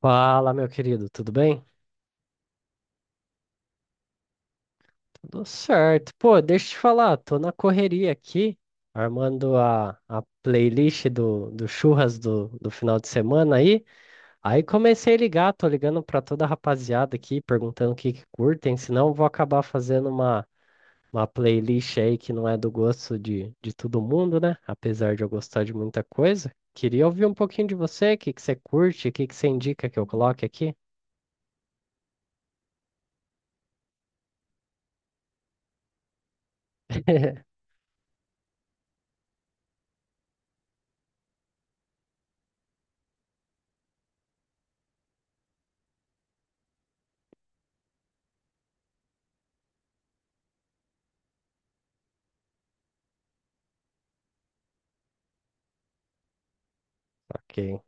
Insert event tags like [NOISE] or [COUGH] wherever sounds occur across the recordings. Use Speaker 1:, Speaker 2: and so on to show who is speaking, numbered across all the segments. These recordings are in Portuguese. Speaker 1: Fala, meu querido, tudo bem? Tudo certo. Pô, deixa eu te falar, tô na correria aqui, armando a playlist do churras do final de semana aí. Aí comecei a ligar, tô ligando pra toda a rapaziada aqui, perguntando o que que curtem, senão eu vou acabar fazendo uma playlist aí que não é do gosto de todo mundo, né? Apesar de eu gostar de muita coisa. Queria ouvir um pouquinho de você, o que que você curte, o que que você indica que eu coloque aqui. [LAUGHS] Ok.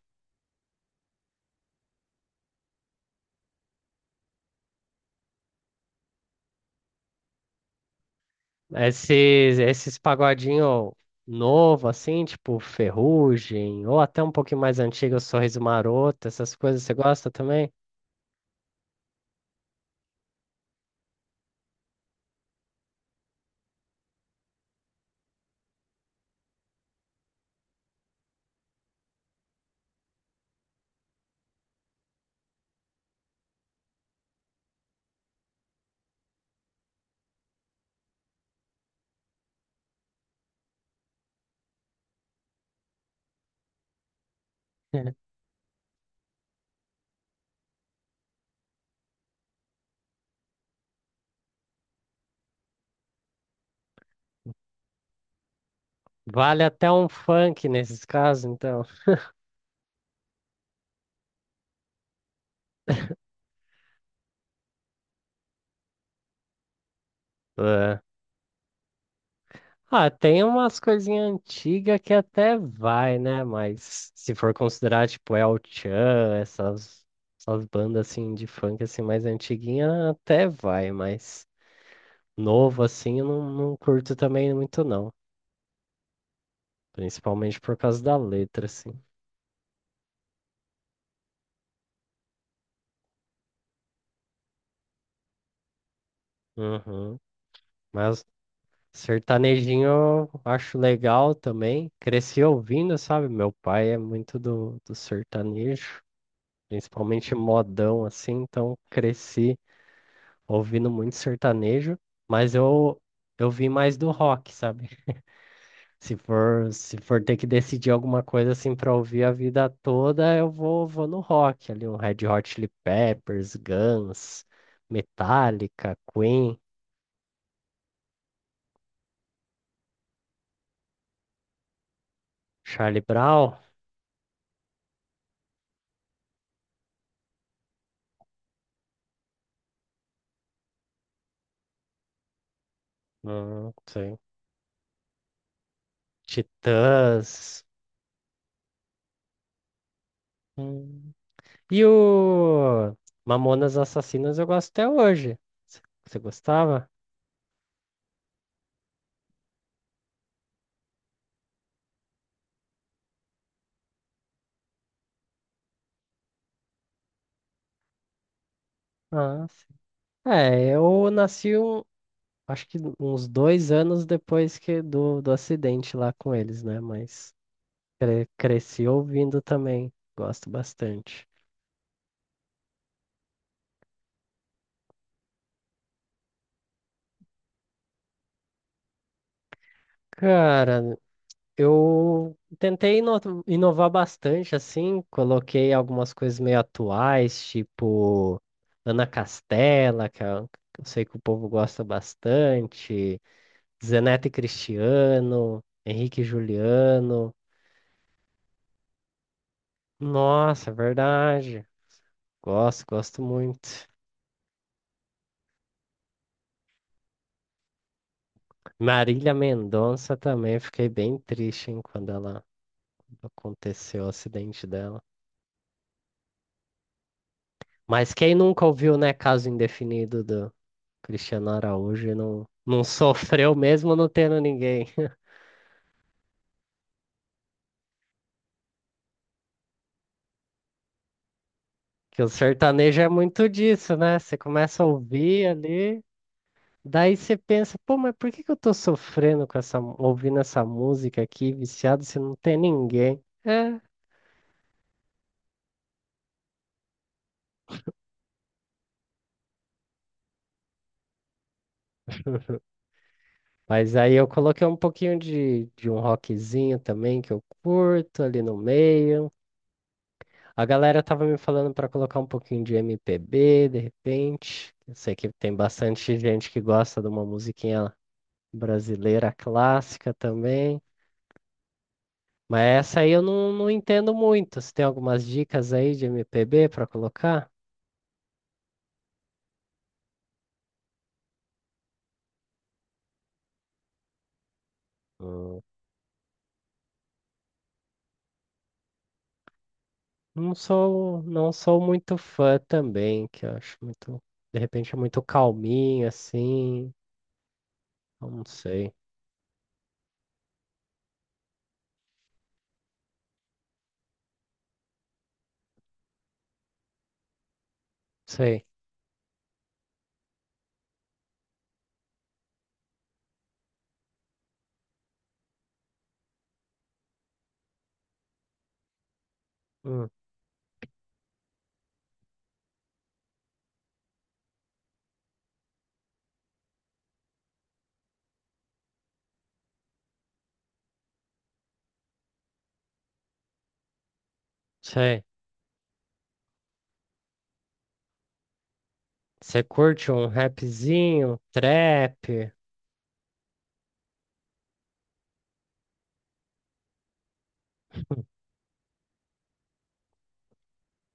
Speaker 1: Esses pagodinho novo, assim, tipo Ferrugem, ou até um pouquinho mais antigo, Sorriso Maroto, essas coisas, você gosta também? [LAUGHS] Vale até um funk nesses casos, então. É. Ah, tem umas coisinhas antigas que até vai, né? Mas se for considerar, tipo, El Chan, essas bandas, assim, de funk, assim, mais antiguinha, até vai, mas novo, assim, eu não curto também muito, não. Principalmente por causa da letra, assim. Uhum. Mas sertanejinho eu acho legal também. Cresci ouvindo, sabe? Meu pai é muito do sertanejo, principalmente modão, assim. Então cresci ouvindo muito sertanejo, mas eu vi mais do rock, sabe? [LAUGHS] Se for, se for ter que decidir alguma coisa assim pra ouvir a vida toda, eu vou, vou no rock ali, um Red Hot Chili Peppers, Guns, Metallica, Queen. Charlie Brown? Sei. Titãs. Hum. E o Mamonas Assassinas eu gosto até hoje. Você gostava? Ah, sim. É, eu nasci um, acho que uns dois anos depois que do acidente lá com eles, né? Mas cresci ouvindo também. Gosto bastante. Cara, eu tentei inovar bastante, assim, coloquei algumas coisas meio atuais, tipo Ana Castela, que eu sei que o povo gosta bastante, Zeneto e Cristiano, Henrique e Juliano. Nossa, é verdade. Gosto, gosto muito. Marília Mendonça também, fiquei bem triste, hein, quando ela aconteceu o acidente dela. Mas quem nunca ouviu, né, Caso Indefinido Cristiano Araújo não [LAUGHS] sofreu mesmo não tendo ninguém. [LAUGHS] Que o sertanejo é muito disso, né? Você começa a ouvir ali, daí você pensa, pô, mas por que que eu tô sofrendo com essa, ouvindo essa música aqui, viciado, se não tem ninguém? É. Mas aí eu coloquei um pouquinho de um rockzinho também, que eu curto ali no meio. A galera tava me falando pra colocar um pouquinho de MPB, de repente. Eu sei que tem bastante gente que gosta de uma musiquinha brasileira clássica também. Mas essa aí eu não entendo muito. Você tem algumas dicas aí de MPB para colocar? Hum. Não sou muito fã também, que eu acho muito, de repente é muito calminho assim. Eu não sei. Sei. Hum, sei. Você curte um rapzinho, um trap?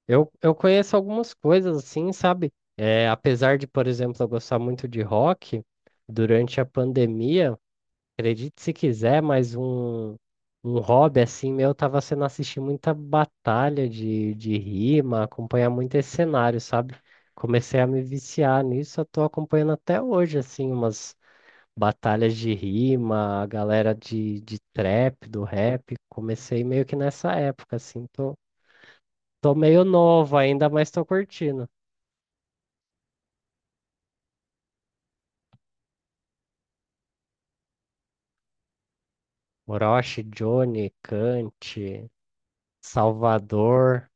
Speaker 1: Eu conheço algumas coisas assim, sabe? É, apesar de, por exemplo, eu gostar muito de rock, durante a pandemia, acredite se quiser, mas um hobby assim meu tava sendo assistir muita batalha de rima, acompanhar muito esse cenário, sabe? Comecei a me viciar nisso, eu tô acompanhando até hoje, assim, umas batalhas de rima, a galera de trap, do rap. Comecei meio que nessa época, assim, tô, tô meio novo ainda, mas tô curtindo. Orochi, Johnny, Kant, Salvador.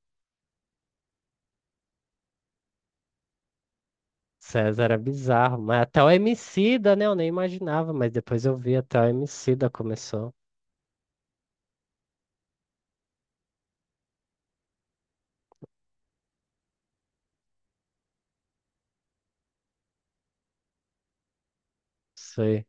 Speaker 1: César era bizarro, mas até o Emicida, né? Eu nem imaginava, mas depois eu vi até o Emicida começou. Sei,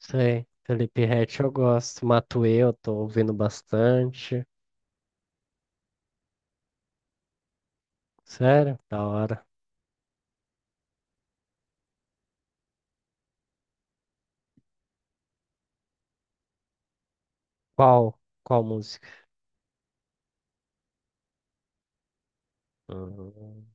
Speaker 1: sei. Felipe Ret eu gosto. Matuê eu tô ouvindo bastante. Sério? Da hora. Qual? Qual música? Hum,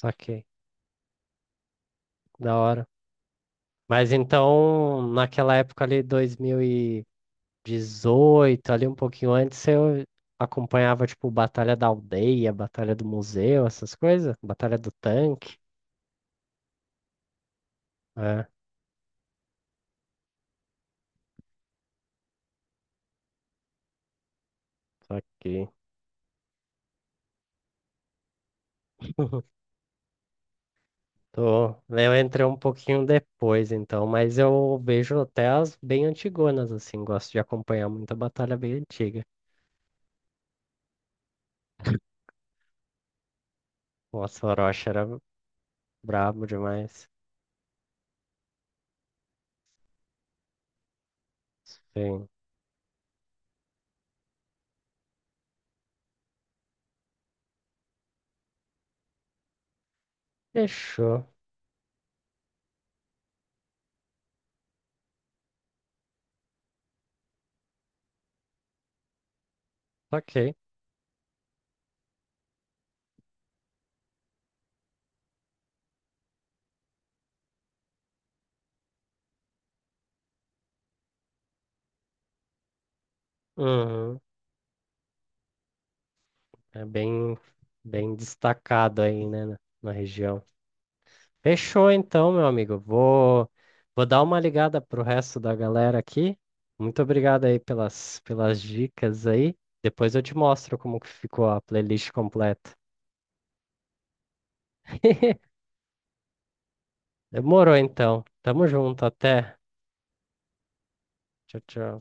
Speaker 1: saquei. Da hora. Mas então, naquela época ali, 2018, ali um pouquinho antes, eu acompanhava, tipo, Batalha da Aldeia, Batalha do Museu, essas coisas? Batalha do Tanque. É, saquei. Tô, né, eu entrei um pouquinho depois, então, mas eu vejo até as bem antigonas, assim, gosto de acompanhar muita batalha bem antiga. Nossa, o Orochi era brabo demais. Sim. Fechou. Ok. Uhum. É bem, bem destacado aí, né, na região. Fechou então, meu amigo. Vou, vou dar uma ligada pro resto da galera aqui. Muito obrigado aí pelas, pelas dicas aí. Depois eu te mostro como que ficou a playlist completa. [LAUGHS] Demorou então. Tamo junto, até. Tchau, tchau.